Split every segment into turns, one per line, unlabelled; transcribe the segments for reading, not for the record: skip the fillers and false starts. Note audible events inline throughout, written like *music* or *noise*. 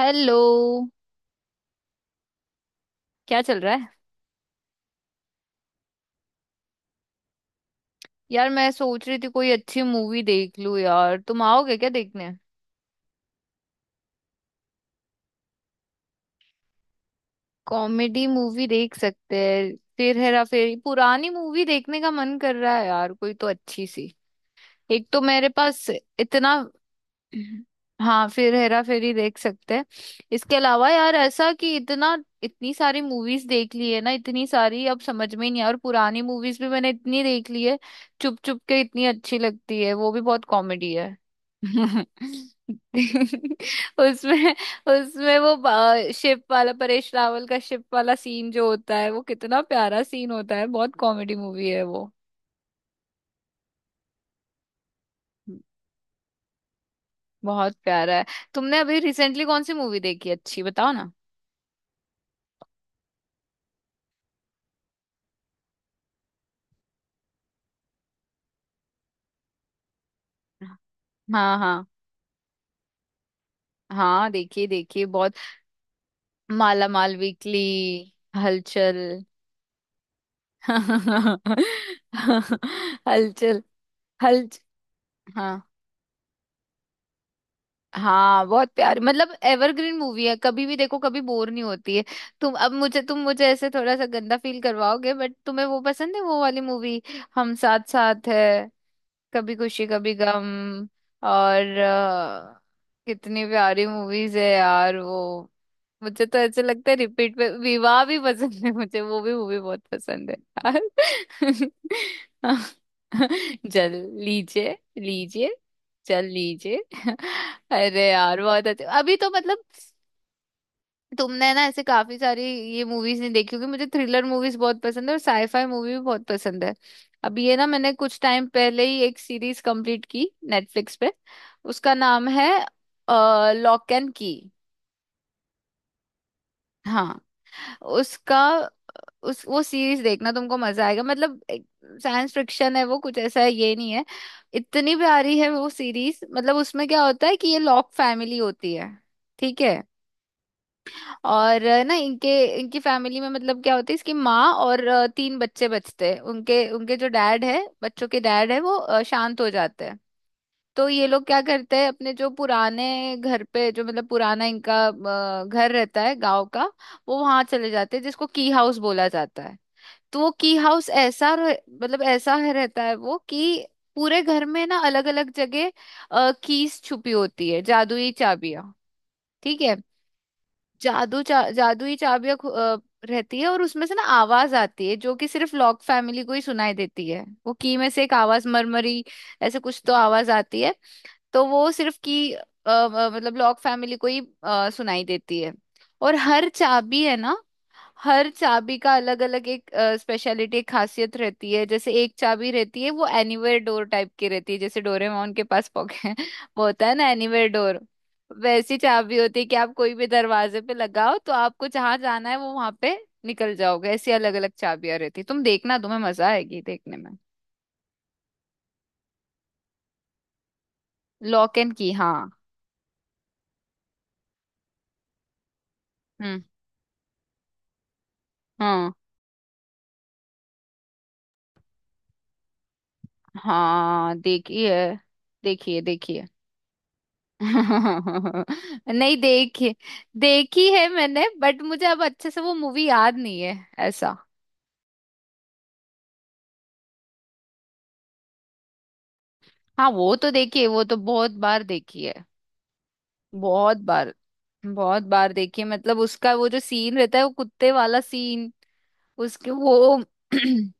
Hello. क्या चल रहा है? यार मैं सोच रही थी कोई अच्छी मूवी देख लूं। यार तुम आओगे क्या देखने? कॉमेडी मूवी देख सकते हैं। फिर हेरा फेरी पुरानी मूवी देखने का मन कर रहा है यार। कोई तो अच्छी सी। एक तो मेरे पास इतना। हम्म। हाँ फिर हेरा फेरी देख सकते हैं। इसके अलावा यार ऐसा कि इतना, इतनी सारी मूवीज देख ली है ना इतनी सारी, अब समझ में ही नहीं और पुरानी मूवीज भी मैंने इतनी देख ली है। चुप चुप के इतनी अच्छी लगती है, वो भी बहुत कॉमेडी है। *laughs* उसमें, उसमें वो शिप वाला, परेश रावल का शिप वाला सीन जो होता है वो कितना प्यारा सीन होता है। बहुत कॉमेडी मूवी है वो। बहुत प्यारा है। तुमने अभी रिसेंटली कौन सी मूवी देखी अच्छी? बताओ ना। हाँ हाँ हाँ, देखिए देखिए बहुत। माला माल वीकली। हलचल। *laughs* हलचल। हल। हाँ। हाँ बहुत प्यारी, मतलब एवरग्रीन मूवी है। कभी भी देखो कभी बोर नहीं होती है। तुम मुझे ऐसे थोड़ा सा गंदा फील करवाओगे, बट तुम्हें वो पसंद है, वो वाली मूवी। हम साथ साथ है। कभी खुशी कभी गम। और कितनी प्यारी मूवीज है यार वो। मुझे तो ऐसे लगता है रिपीट पे। विवाह भी पसंद है मुझे, वो भी मूवी बहुत पसंद है। यार। *laughs* जल लीजिए लीजिए। चल लीजिए। *laughs* अरे यार बहुत अच्छा। अभी तो मतलब तुमने ना ऐसे काफी सारी ये मूवीज नहीं देखी होगी। मुझे थ्रिलर मूवीज बहुत पसंद है, और साईफाई मूवी भी बहुत पसंद है। अब ये ना मैंने कुछ टाइम पहले ही एक सीरीज कंप्लीट की, नेटफ्लिक्स पे। उसका नाम है लॉक एंड की। हाँ। उसका, उस, वो सीरीज देखना, तुमको मजा आएगा। मतलब साइंस फिक्शन है वो, कुछ ऐसा है, ये नहीं है। इतनी प्यारी है वो सीरीज। मतलब उसमें क्या होता है कि ये लॉक फैमिली होती है। ठीक है। और ना इनके, इनकी फैमिली में मतलब क्या होता है, इसकी माँ और तीन बच्चे बचते हैं। उनके, उनके जो डैड है, बच्चों के डैड है वो शांत हो जाते हैं। तो ये लोग क्या करते हैं, अपने जो पुराने घर पे, जो मतलब पुराना इनका घर रहता है गांव का, वो वहां चले जाते हैं, जिसको की हाउस बोला जाता है। तो वो की हाउस ऐसा मतलब ऐसा है, रहता है वो कि पूरे घर में ना अलग अलग जगह कीज छुपी होती है, जादुई चाबियां। ठीक है। जादुई चाबियां रहती है, और उसमें से ना आवाज आती है, जो कि सिर्फ लॉक फैमिली को ही सुनाई देती है। वो की में से एक आवाज मरमरी ऐसे कुछ तो आवाज आती है। तो वो सिर्फ की मतलब लॉक फैमिली को ही सुनाई देती है। और हर चाबी है ना, हर चाबी का अलग अलग एक स्पेशलिटी, एक खासियत रहती है। जैसे एक चाबी रहती है, वो एनीवेयर डोर टाइप की रहती है, जैसे डोरेमोन के पास पॉकेट *laughs* वो होता है ना एनीवेयर डोर, वैसी चाबी होती है कि आप कोई भी दरवाजे पे लगाओ, तो आपको जहां जाना है वो वहां पे निकल जाओगे। ऐसी अलग अलग चाबियां रहती है। तुम देखना, तुम्हें मजा आएगी देखने में। लॉक एंड की, हाँ। हम्म। हाँ हाँ, देखिए देखिए देखिए। *laughs* नहीं देखी। देखी है मैंने बट मुझे अब अच्छे से वो मूवी याद नहीं है। ऐसा। हाँ वो तो देखी है, वो तो बहुत बार देखी है। बहुत बार। बहुत बार देखी है। मतलब उसका वो जो सीन रहता है, वो कुत्ते वाला सीन। उसके वो, *clears throat*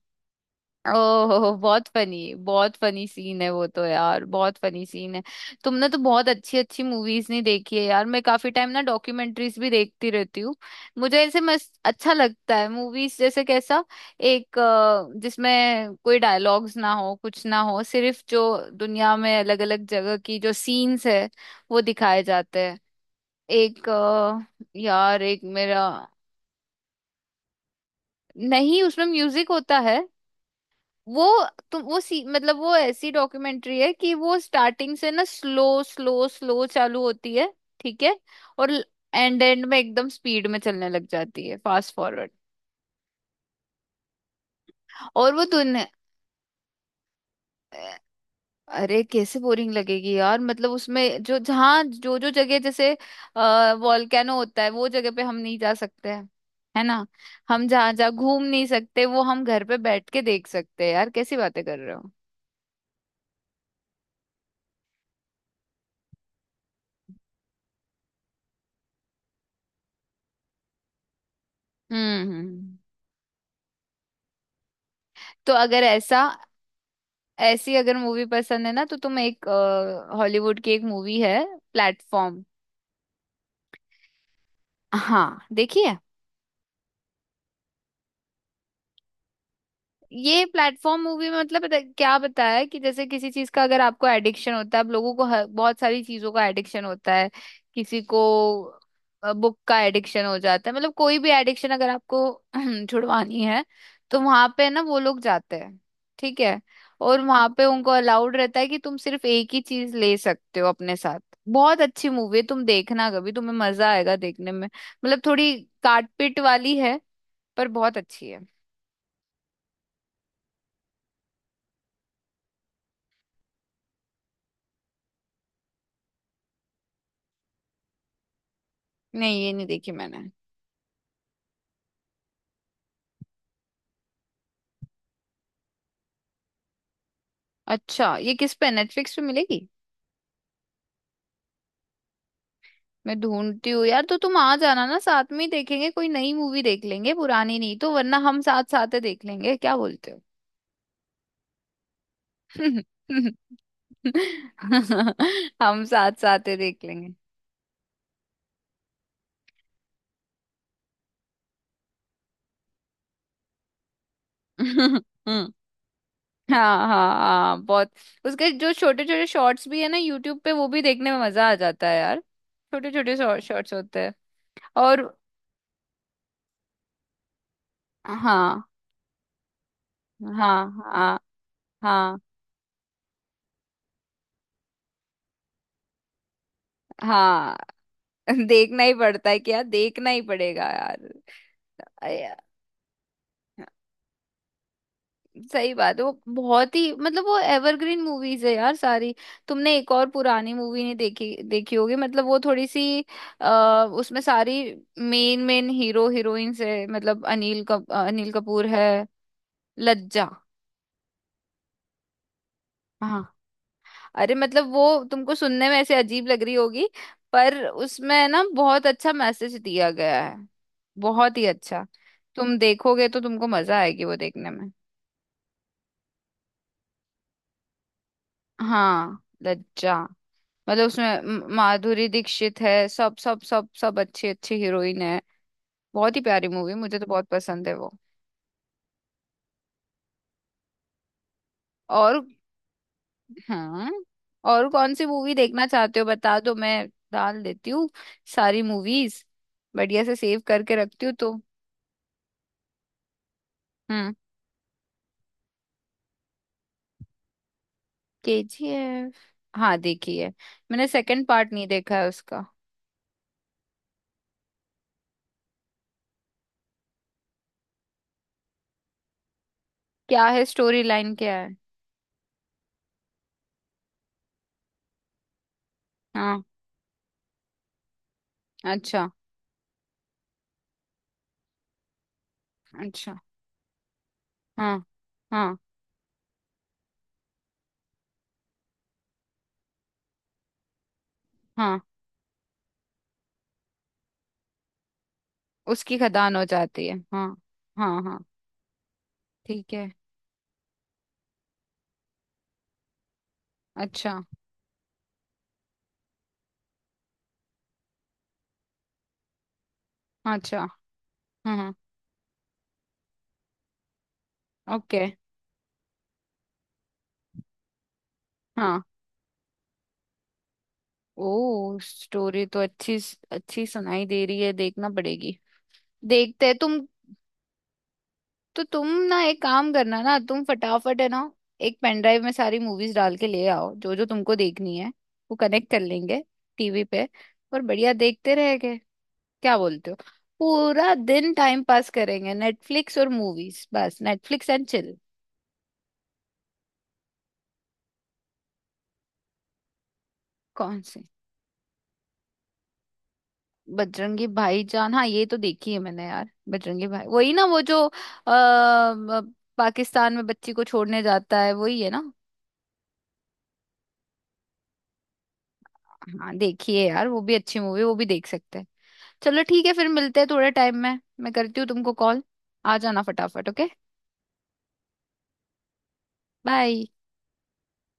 ओहो बहुत फनी, बहुत फनी सीन है वो तो। यार बहुत फनी सीन है। तुमने तो बहुत अच्छी अच्छी मूवीज नहीं देखी है यार। मैं काफी टाइम ना डॉक्यूमेंट्रीज भी देखती रहती हूँ। मुझे ऐसे मस्त अच्छा लगता है। मूवीज जैसे कैसा, एक जिसमें कोई डायलॉग्स ना हो, कुछ ना हो, सिर्फ जो दुनिया में अलग अलग जगह की जो सीन्स है वो दिखाए जाते हैं। एक यार एक मेरा, नहीं उसमें म्यूजिक होता है वो। तुम वो सी, मतलब वो ऐसी डॉक्यूमेंट्री है कि वो स्टार्टिंग से ना स्लो स्लो स्लो चालू होती है। ठीक है। और एंड, एंड में एकदम स्पीड में चलने लग जाती है, फास्ट फॉरवर्ड। और वो दुनिया। अरे कैसे बोरिंग लगेगी यार। मतलब उसमें जो जहाँ जो जो जगह, जैसे अः वॉल्केनो होता है, वो जगह पे हम नहीं जा सकते हैं, है ना। हम जहाँ जहाँ घूम नहीं सकते, वो हम घर पे बैठ के देख सकते हैं यार। कैसी बातें कर रहे हो? हम्म। हम्म। हम्म। तो अगर ऐसा, ऐसी अगर मूवी पसंद है ना तो तुम एक, हॉलीवुड की एक मूवी है, प्लेटफॉर्म। हाँ देखिए। ये प्लेटफॉर्म मूवी में मतलब क्या बताया है, कि जैसे किसी चीज का अगर आपको एडिक्शन होता है। अब लोगों को बहुत सारी चीजों का एडिक्शन होता है। किसी को बुक का एडिक्शन हो जाता है। मतलब कोई भी एडिक्शन अगर आपको *clears throat* छुड़वानी है, तो वहां पे ना वो लोग जाते हैं। ठीक है। और वहां पे उनको अलाउड रहता है कि तुम सिर्फ एक ही चीज ले सकते हो अपने साथ। बहुत अच्छी मूवी है। तुम देखना कभी, तुम्हें मजा आएगा देखने में। मतलब थोड़ी काटपिट वाली है, पर बहुत अच्छी है। नहीं ये नहीं देखी मैंने। अच्छा, ये किस पे, नेटफ्लिक्स पे मिलेगी? मैं ढूंढती हूँ यार, तो तुम आ जाना ना, साथ में ही देखेंगे। कोई नई मूवी देख लेंगे, पुरानी नहीं तो वरना हम साथ साथ ही देख लेंगे। क्या बोलते हो? *laughs* हम साथ साथ ही देख लेंगे। *laughs* हम्म। हाँ हाँ हाँ बहुत। उसके जो छोटे छोटे शॉर्ट्स भी है ना यूट्यूब पे, वो भी देखने में मजा आ जाता है यार। छोटे छोटे शॉर्ट्स होते हैं। और हाँ, हाँ हाँ हाँ। हाँ *laughs* देखना ही पड़ता है क्या? देखना ही पड़ेगा यार। अरे यार, सही बात है। वो बहुत ही मतलब वो एवरग्रीन मूवीज है यार सारी। तुमने एक और पुरानी मूवी नहीं देखी, देखी होगी, मतलब वो थोड़ी सी, आ, उसमें सारी मेन मेन हीरो हीरोइंस है। मतलब अनिल कपूर है। लज्जा। हाँ, अरे मतलब वो तुमको सुनने में ऐसे अजीब लग रही होगी, पर उसमें ना बहुत अच्छा मैसेज दिया गया है। बहुत ही अच्छा। तुम देखोगे तो तुमको मजा आएगी वो देखने में। हाँ, लज्जा। मतलब उसमें माधुरी दीक्षित है, सब सब सब सब अच्छी अच्छी हीरोइन है। बहुत ही प्यारी मूवी, मुझे तो बहुत पसंद है वो। और हाँ, और कौन सी मूवी देखना चाहते हो बता दो, मैं डाल देती हूँ सारी मूवीज बढ़िया से सेव करके रखती हूँ तो। हम्म। KGF। हाँ देखी है। मैंने सेकंड पार्ट नहीं देखा है उसका। क्या है स्टोरी लाइन, क्या है? हाँ। अच्छा। अच्छा। हाँ हाँ हाँ। उसकी खदान हो जाती है, हाँ। हाँ हाँ। ठीक है। अच्छा। अच्छा। हाँ हाँ। ओके। हाँ। ओ स्टोरी तो अच्छी, अच्छी सुनाई दे रही है, देखना पड़ेगी। देखते हैं। तुम तो, तुम ना एक काम करना ना, तुम फटाफट है ना, एक पेन ड्राइव में सारी मूवीज डाल के ले आओ जो जो तुमको देखनी है, वो कनेक्ट कर लेंगे टीवी पे, और बढ़िया देखते रहेंगे। क्या बोलते हो? पूरा दिन टाइम पास करेंगे नेटफ्लिक्स और मूवीज, बस नेटफ्लिक्स एंड चिल। कौन से? बजरंगी भाईजान, हाँ ये तो देखी है मैंने यार, बजरंगी भाई, वही ना, वो जो पाकिस्तान में बच्ची को छोड़ने जाता है, वही है ना। हाँ देखिए यार, वो भी अच्छी मूवी, वो भी देख सकते हैं। चलो ठीक है, फिर मिलते हैं थोड़े टाइम में, मैं करती हूँ तुमको कॉल, आ जाना फटाफट, ओके बाय।